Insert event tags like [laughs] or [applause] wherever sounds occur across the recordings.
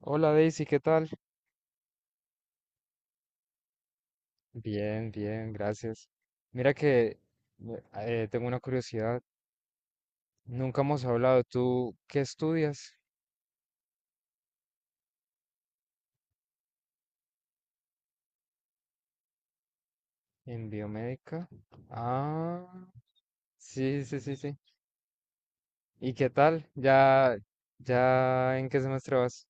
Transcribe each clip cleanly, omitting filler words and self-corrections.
Hola Daisy, ¿qué tal? Bien, bien, gracias. Mira que tengo una curiosidad. Nunca hemos hablado. ¿Tú qué estudias? En biomédica. Ah, sí, sí, sí, sí. ¿Y qué tal? ¿Ya, ya ¿en qué semestre vas?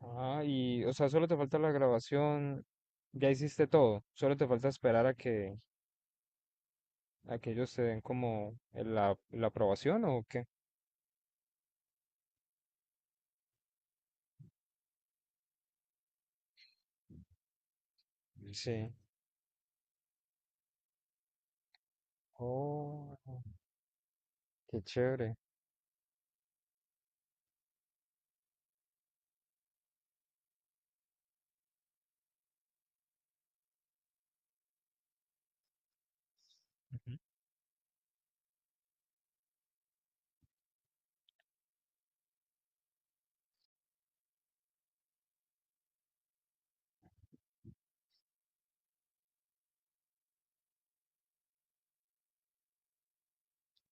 Ah, y, o sea, solo te falta la grabación. Ya hiciste todo. Solo te falta esperar a a que ellos te den como la aprobación o qué. Sí. Oh, qué chévere.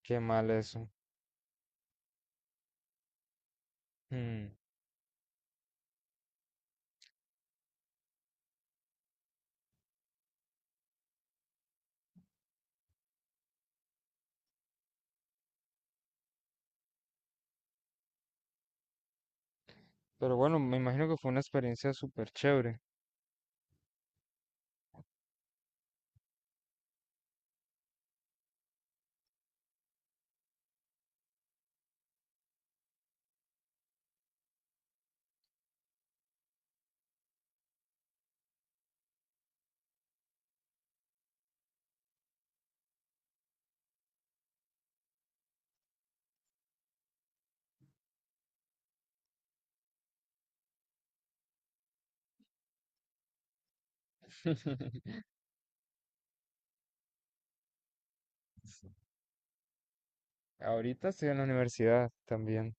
Qué mal eso. Mm. Pero bueno, me imagino que fue una experiencia súper chévere. Ahorita estoy en la universidad también.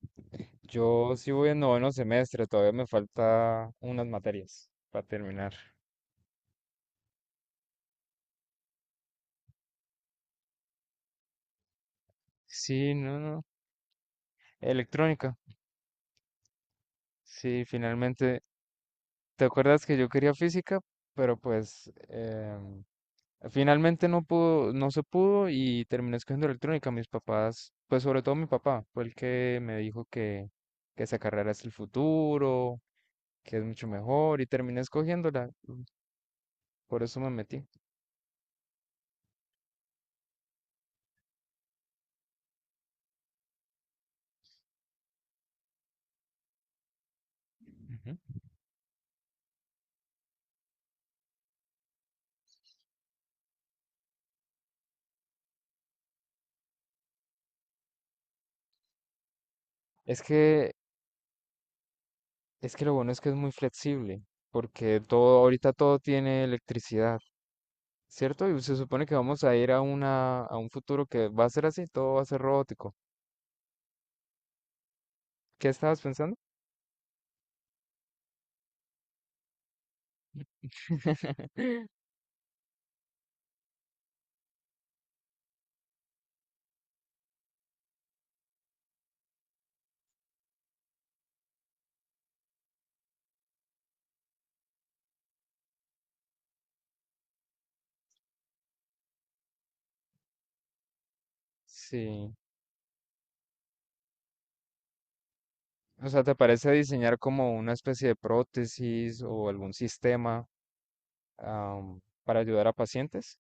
Yo sí voy en noveno semestre, todavía me falta unas materias para terminar. Sí, no, no. Electrónica. Sí, finalmente. ¿Te acuerdas que yo quería física? Pero pues finalmente no se pudo y terminé escogiendo electrónica. Mis papás, pues sobre todo mi papá, fue el que me dijo que esa carrera es el futuro, que es mucho mejor, y terminé escogiéndola. Por eso me metí. Ujú. Es que, es que lo bueno es que es muy flexible, porque todo, ahorita todo tiene electricidad, ¿cierto? Y se supone que vamos a ir a a un futuro que va a ser así, todo va a ser robótico. ¿Qué estabas pensando? Sí. O sea, ¿te parece diseñar como una especie de prótesis o algún sistema, para ayudar a pacientes?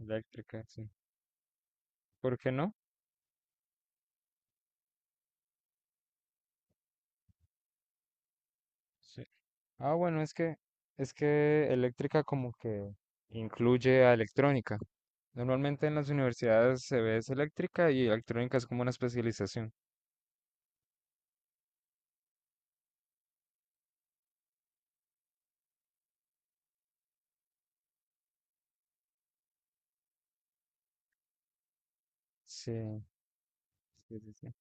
Eléctrica, sí. ¿Por qué no? Ah, bueno, es que eléctrica como que incluye a electrónica. Normalmente en las universidades se ve es eléctrica y electrónica es como una especialización. Sí, sí, sí, sí.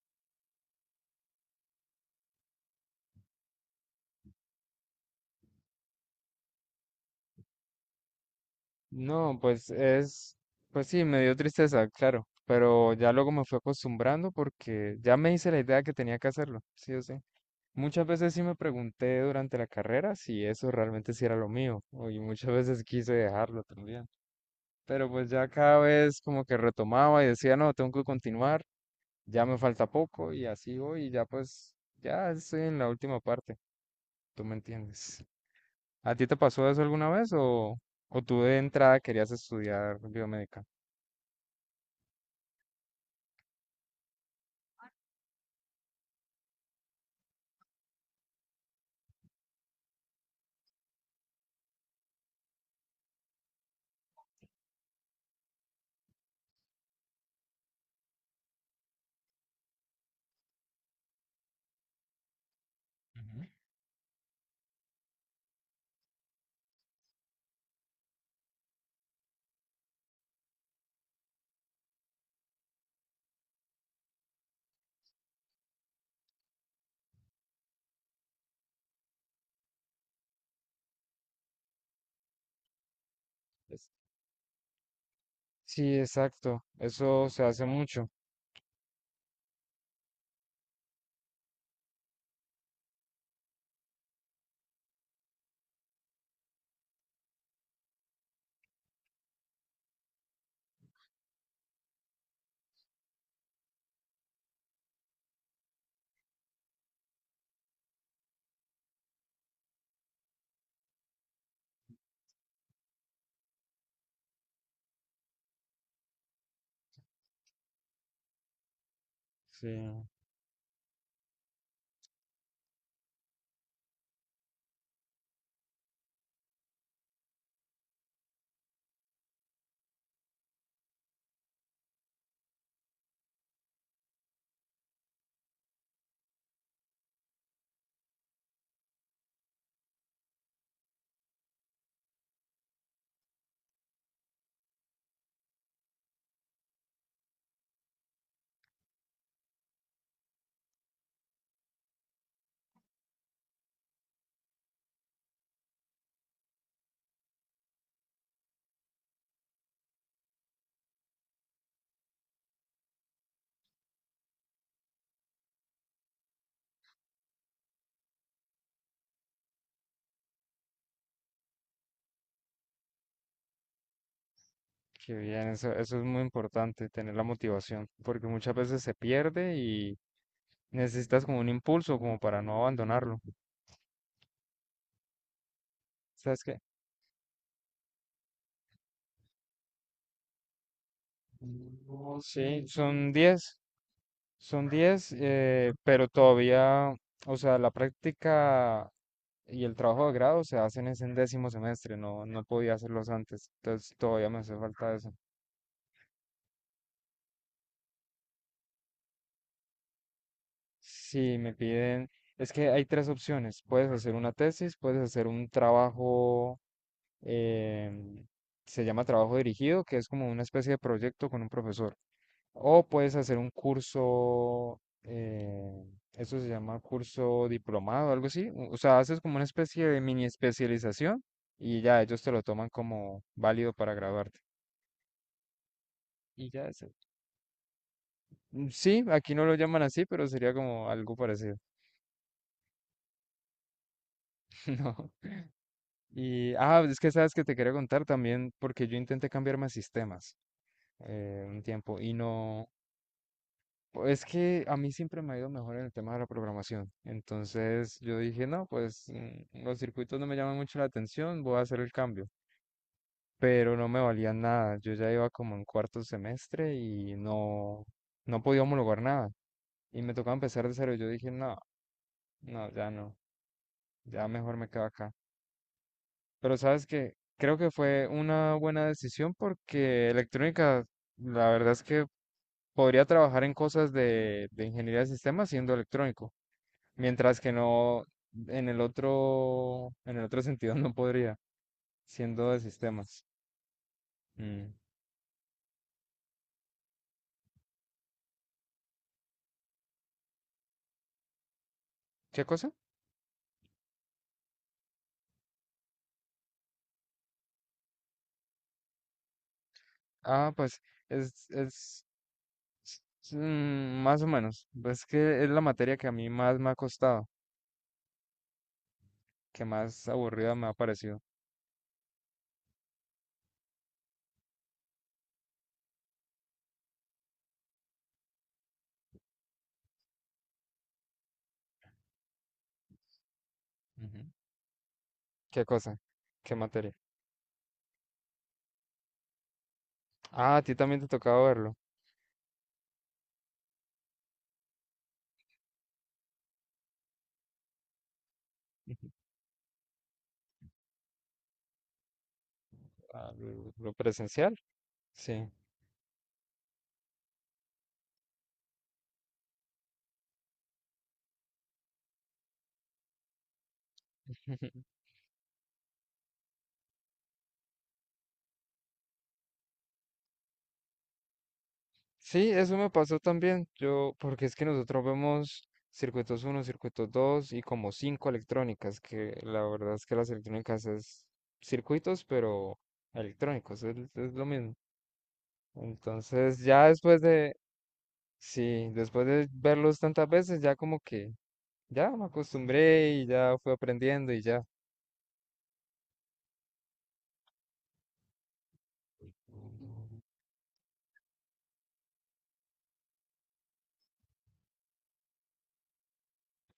No, pues sí, me dio tristeza, claro, pero ya luego me fui acostumbrando porque ya me hice la idea que tenía que hacerlo, sí o sí. Muchas veces sí me pregunté durante la carrera si eso realmente sí era lo mío, y muchas veces quise dejarlo también. Pero pues ya cada vez como que retomaba y decía, no, tengo que continuar, ya me falta poco y así voy y ya pues ya estoy en la última parte, tú me entiendes. ¿A ti te pasó eso alguna vez o tú de entrada querías estudiar biomédica? Ujú. Es- Sí, exacto, eso se hace mucho. Sí, qué bien, eso es muy importante, tener la motivación, porque muchas veces se pierde y necesitas como un impulso como para no abandonarlo. ¿Sabes qué? Sí, son diez. Son 10, pero todavía, o sea, la práctica y el trabajo de grado se hacen es en décimo semestre, no, no podía hacerlos antes, entonces todavía me hace falta eso. Sí, me piden, es que hay tres opciones, puedes hacer una tesis, puedes hacer em, se llama trabajo dirigido, que es como una especie de proyecto con un profesor. O puedes hacer un curso, eso se llama curso diplomado, algo así. O sea, haces como una especie de mini especialización y ya ellos te lo toman como válido para graduarte. Y ya es. Sí, aquí no lo llaman así, pero sería como algo parecido. [laughs] No. Y, ah, es que sabes que te quería contar también, porque yo intenté cambiarme a sistemas un tiempo y no. Es que a mí siempre me ha ido mejor en el tema de la programación. Entonces yo dije, no, pues los circuitos no me llaman mucho la atención, voy a hacer el cambio. Pero no me valía nada. Yo ya iba como en cuarto semestre y no, no podía homologar nada. Y me tocaba empezar de cero. Yo dije, no, no, ya no, ya mejor me quedo acá. Pero sabes que creo que fue una buena decisión porque electrónica, la verdad es que podría trabajar en cosas de ingeniería de sistemas siendo electrónico, mientras que no en el otro, en el otro sentido no podría, siendo de sistemas. Mm. ¿Qué cosa? Ah, pues es, es, es, más o menos. Es que es la materia que a mí más me ha costado, que más aburrida me ha parecido. Ujú. ¿Qué cosa? ¿Qué materia? Ah, a ti también te tocaba verlo. ¿Lo presencial? Sí. [laughs] Sí, eso me pasó también. Yo, porque es que nosotros vemos circuitos uno, circuitos 2 y como cinco electrónicas, que la verdad es que las electrónicas es circuitos, pero electrónicos, es lo mismo. Entonces, ya después de, sí, después de verlos tantas veces, ya como que ya me acostumbré y ya fui aprendiendo y ya.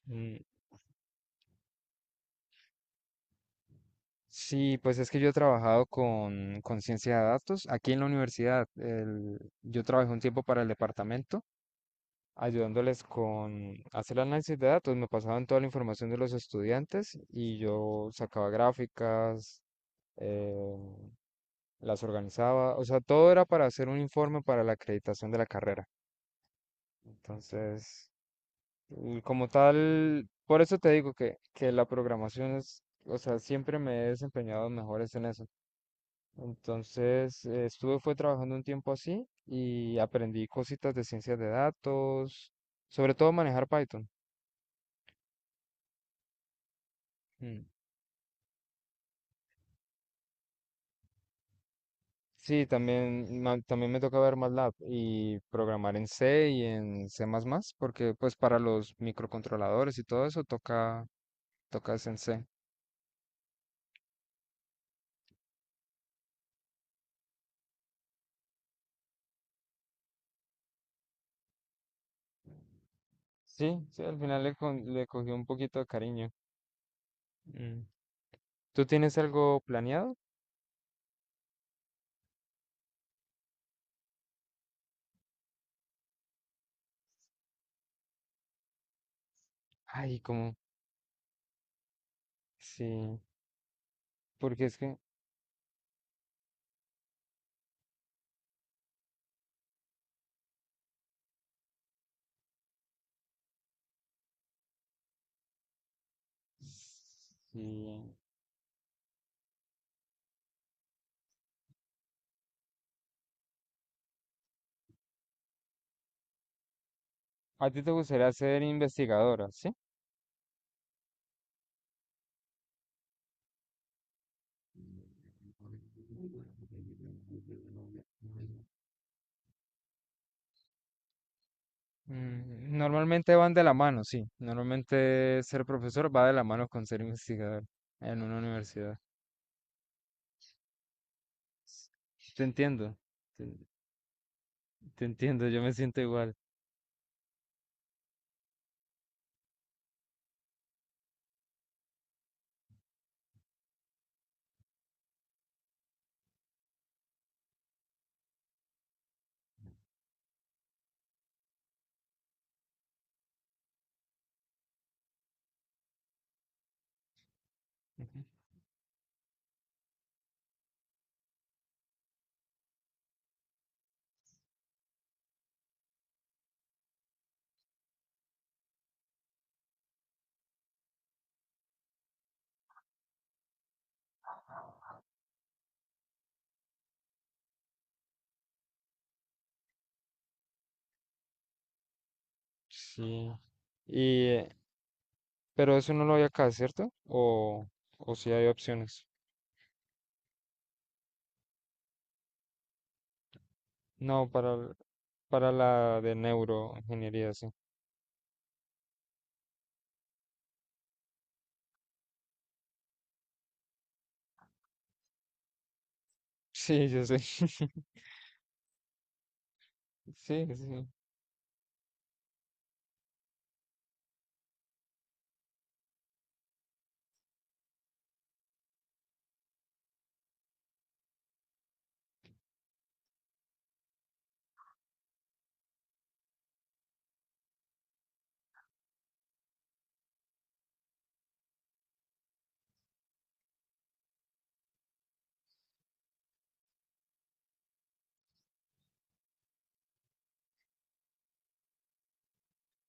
Mm, sí, pues es que yo he trabajado con ciencia de datos aquí en la universidad. Yo trabajé un tiempo para el departamento, ayudándoles con hacer el análisis de datos. Me pasaban toda la información de los estudiantes y yo sacaba gráficas, eh, las organizaba, o sea, todo era para hacer un informe para la acreditación de la carrera. Entonces, y como tal, por eso te digo que la programación es, o sea, siempre me he desempeñado mejores en eso. Entonces, fue trabajando un tiempo así y aprendí cositas de ciencias de datos, sobre todo manejar Python. Mm. Sí, también, también me toca ver MATLAB y programar en C y en C++, porque pues para los microcontroladores y todo eso toca, tocas en C. Sí, sí, al final le, le cogí un poquito de cariño. Mm. ¿Tú tienes algo planeado? Ay, como, sí, porque es que, sí. A ti te gustaría ser investigadora, ¿sí? Normalmente van de la mano, sí. Normalmente ser profesor va de la mano con ser investigador en una universidad. Te entiendo, te, te entiendo, yo me siento igual. Ujú. Sí. Y, pero eso no lo hay acá, ¿cierto? O si hay opciones. No, para la de neuroingeniería, sí. [laughs] Sí, yo sé. [laughs] Sí, sí.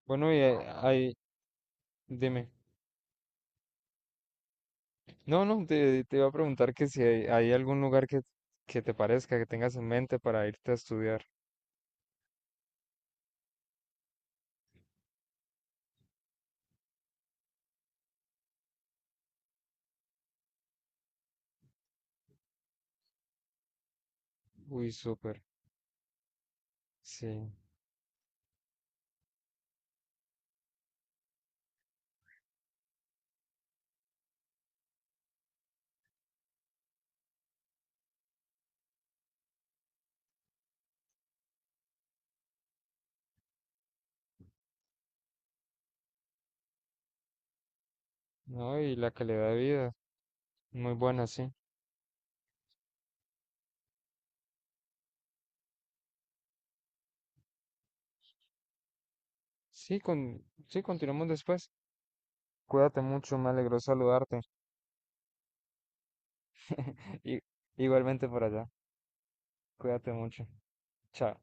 Bueno, dime. No, no, te iba a preguntar que si hay, hay algún lugar que te parezca, que tengas en mente para irte a estudiar. Uy, súper, sí. No, y la calidad de vida, muy buena, sí. Sí, con, sí, continuamos después. Cuídate mucho, me alegró saludarte. [laughs] Y, igualmente por allá, cuídate mucho. Chao.